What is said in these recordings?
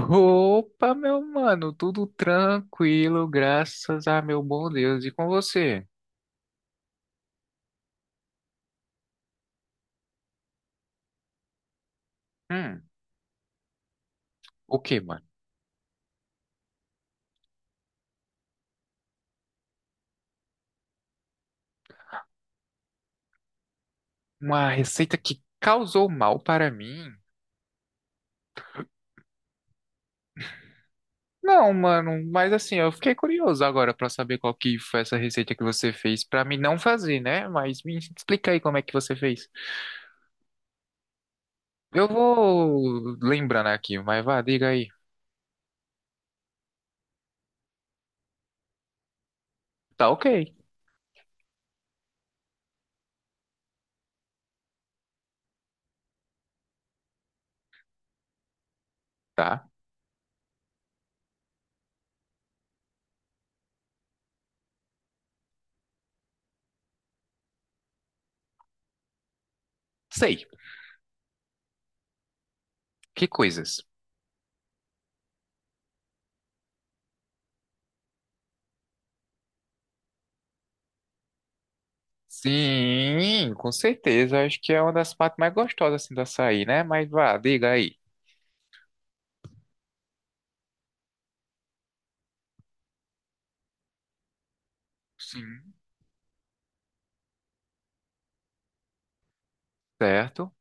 Opa, meu mano, tudo tranquilo, graças a meu bom Deus. E com você? Hum, o que, mano? Uma receita que causou mal para mim? Não, mano, mas assim, eu fiquei curioso agora para saber qual que foi essa receita que você fez para mim não fazer, né? Mas me explica aí como é que você fez. Eu vou lembrando aqui, mas vá, diga aí. Tá ok, tá? Sei. Que coisas? Sim, com certeza. Acho que é uma das partes mais gostosas assim do açaí, né? Mas vá, diga aí. Sim. Certo?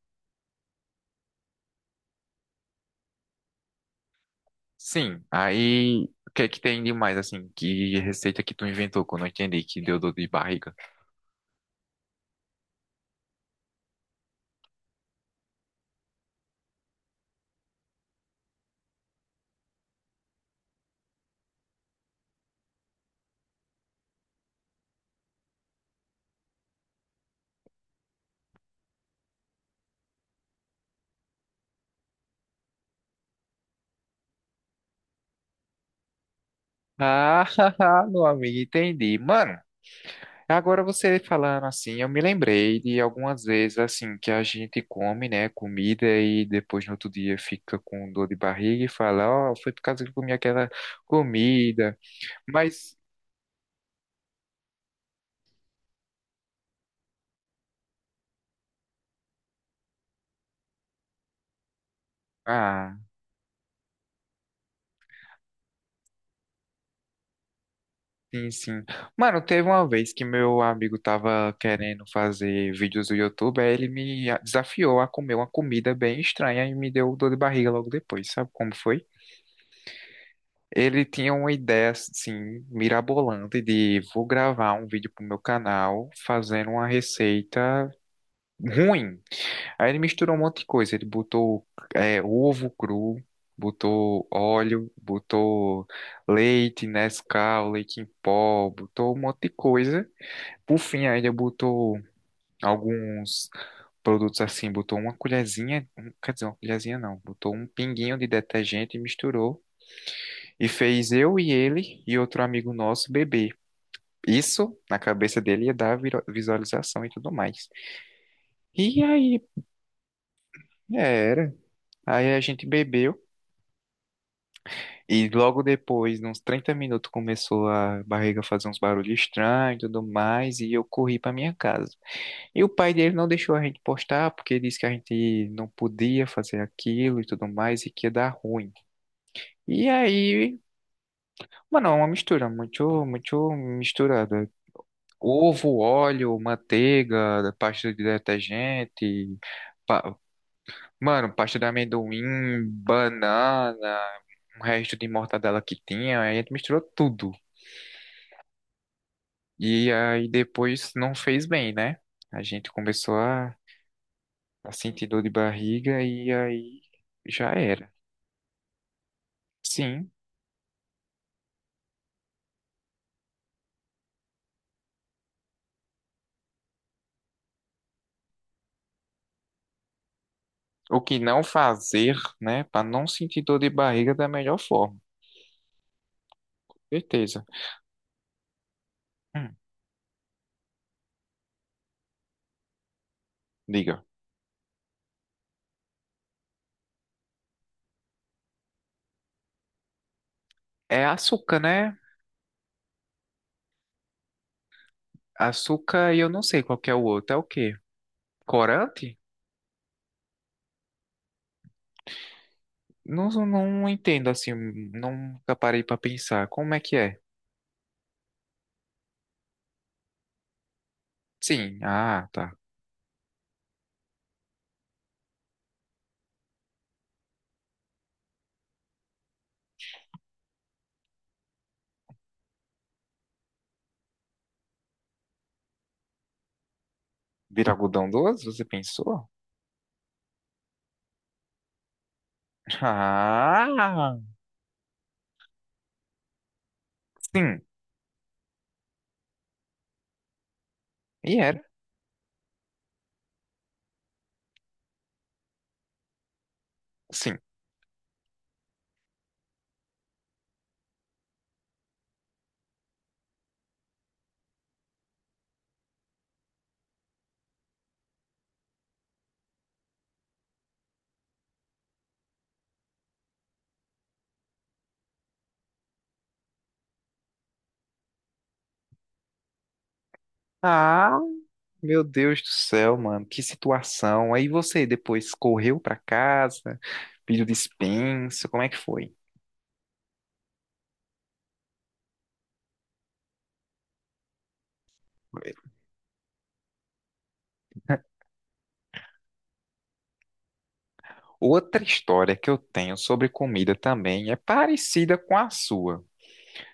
Sim. Aí, o que é que tem de mais assim? Que receita que tu inventou que eu não entendi, que deu dor de barriga? Ah, meu amigo, entendi. Mano, agora você falando assim, eu me lembrei de algumas vezes assim que a gente come, né, comida e depois no outro dia fica com dor de barriga e fala, ó, foi por causa que eu comi aquela comida. Mas, ah, sim, sim. Mano, teve uma vez que meu amigo tava querendo fazer vídeos do YouTube, aí ele me desafiou a comer uma comida bem estranha e me deu dor de barriga logo depois. Sabe como foi? Ele tinha uma ideia assim mirabolante de vou gravar um vídeo pro meu canal fazendo uma receita ruim. Aí ele misturou um monte de coisa. Ele botou ovo cru, botou óleo, botou leite Nescau, leite em pó, botou um monte de coisa. Por fim, aí ele botou alguns produtos assim, botou uma colherzinha, um, quer dizer, uma colherzinha não, botou um pinguinho de detergente e misturou. E fez eu e ele e outro amigo nosso beber. Isso, na cabeça dele, ia dar visualização e tudo mais. E aí, era. Aí a gente bebeu. E logo depois, uns 30 minutos, começou a barriga fazer uns barulhos estranhos e tudo mais. E eu corri pra minha casa. E o pai dele não deixou a gente postar, porque disse que a gente não podia fazer aquilo e tudo mais, e que ia dar ruim. E aí, mano, é uma mistura muito misturada. Ovo, óleo, manteiga, pasta de detergente, pa- mano, pasta de amendoim, banana, um resto de mortadela que tinha, aí a gente misturou tudo. E aí depois não fez bem, né? A gente começou a sentir dor de barriga e aí já era. Sim, o que não fazer, né, pra não sentir dor de barriga da melhor forma, certeza. Hum, diga. É açúcar, né? Açúcar e eu não sei qual que é o outro, é o quê? Corante? Não, não entendo assim, nunca parei pra pensar. Como é que é? Sim, ah, tá. Vira algodão doce, você pensou? Ah, sim. E era? Sim. Ah, meu Deus do céu, mano, que situação. Aí você depois correu pra casa, pediu dispensa, como é que foi? Outra história que eu tenho sobre comida também é parecida com a sua.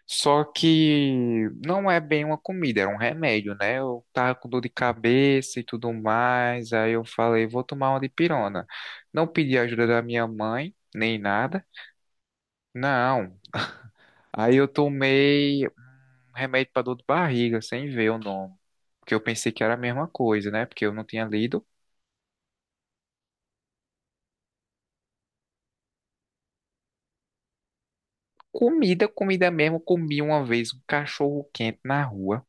Só que não é bem uma comida, era um remédio, né? Eu tava com dor de cabeça e tudo mais, aí eu falei, vou tomar uma dipirona. Não pedi ajuda da minha mãe, nem nada, não. Aí eu tomei um remédio para dor de barriga, sem ver o nome, porque eu pensei que era a mesma coisa, né? Porque eu não tinha lido. Comida, comida mesmo, comi uma vez um cachorro quente na rua.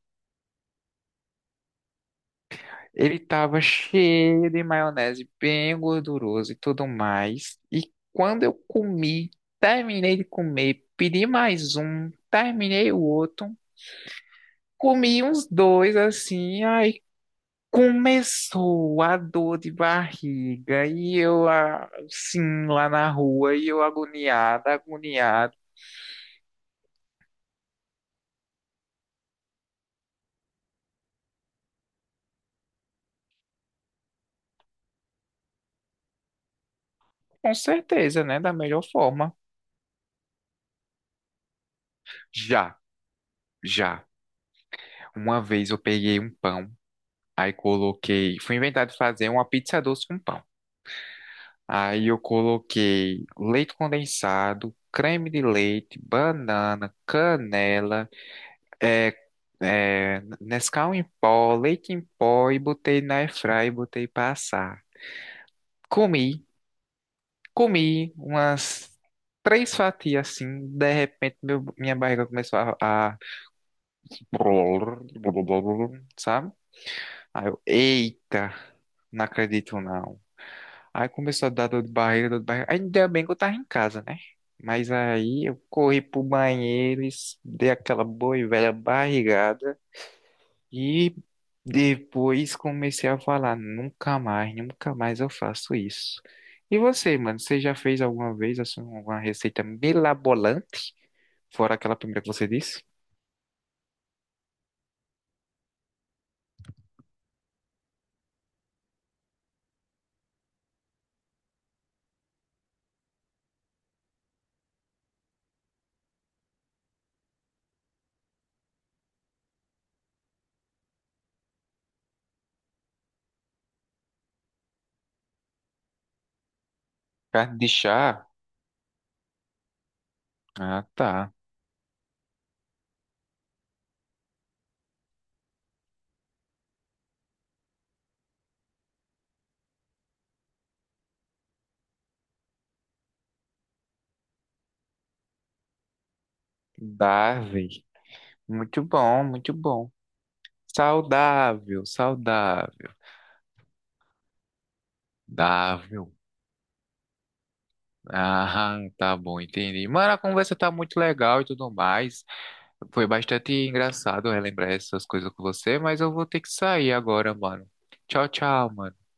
Ele tava cheio de maionese, bem gorduroso e tudo mais. E quando eu comi, terminei de comer, pedi mais um, terminei o outro, comi uns dois assim, aí começou a dor de barriga e eu assim lá na rua e eu agoniado, agoniado, com certeza, né, da melhor forma. Já, já. Uma vez eu peguei um pão, aí coloquei, fui inventar de fazer uma pizza doce com pão. Aí eu coloquei leite condensado, creme de leite, banana, canela, é, Nescau em pó, leite em pó e botei na airfryer e botei pra assar. Comi, comi umas três fatias assim, de repente minha barriga começou a... sabe? Aí eu, eita, não acredito não. Aí começou a dar dor de barriga, dor de barriga. Ainda bem que eu tava em casa, né? Mas aí eu corri pro banheiro, dei aquela boa e velha barrigada e depois comecei a falar, nunca mais, nunca mais eu faço isso. E você, mano, você já fez alguma vez assim, uma receita mirabolante? Fora aquela primeira que você disse? Carne de chá? Ah, tá. Dável. Muito bom, muito bom. Saudável, saudável. Dável. Ah, tá bom, entendi. Mano, a conversa tá muito legal e tudo mais. Foi bastante engraçado relembrar essas coisas com você, mas eu vou ter que sair agora, mano. Tchau, tchau, mano.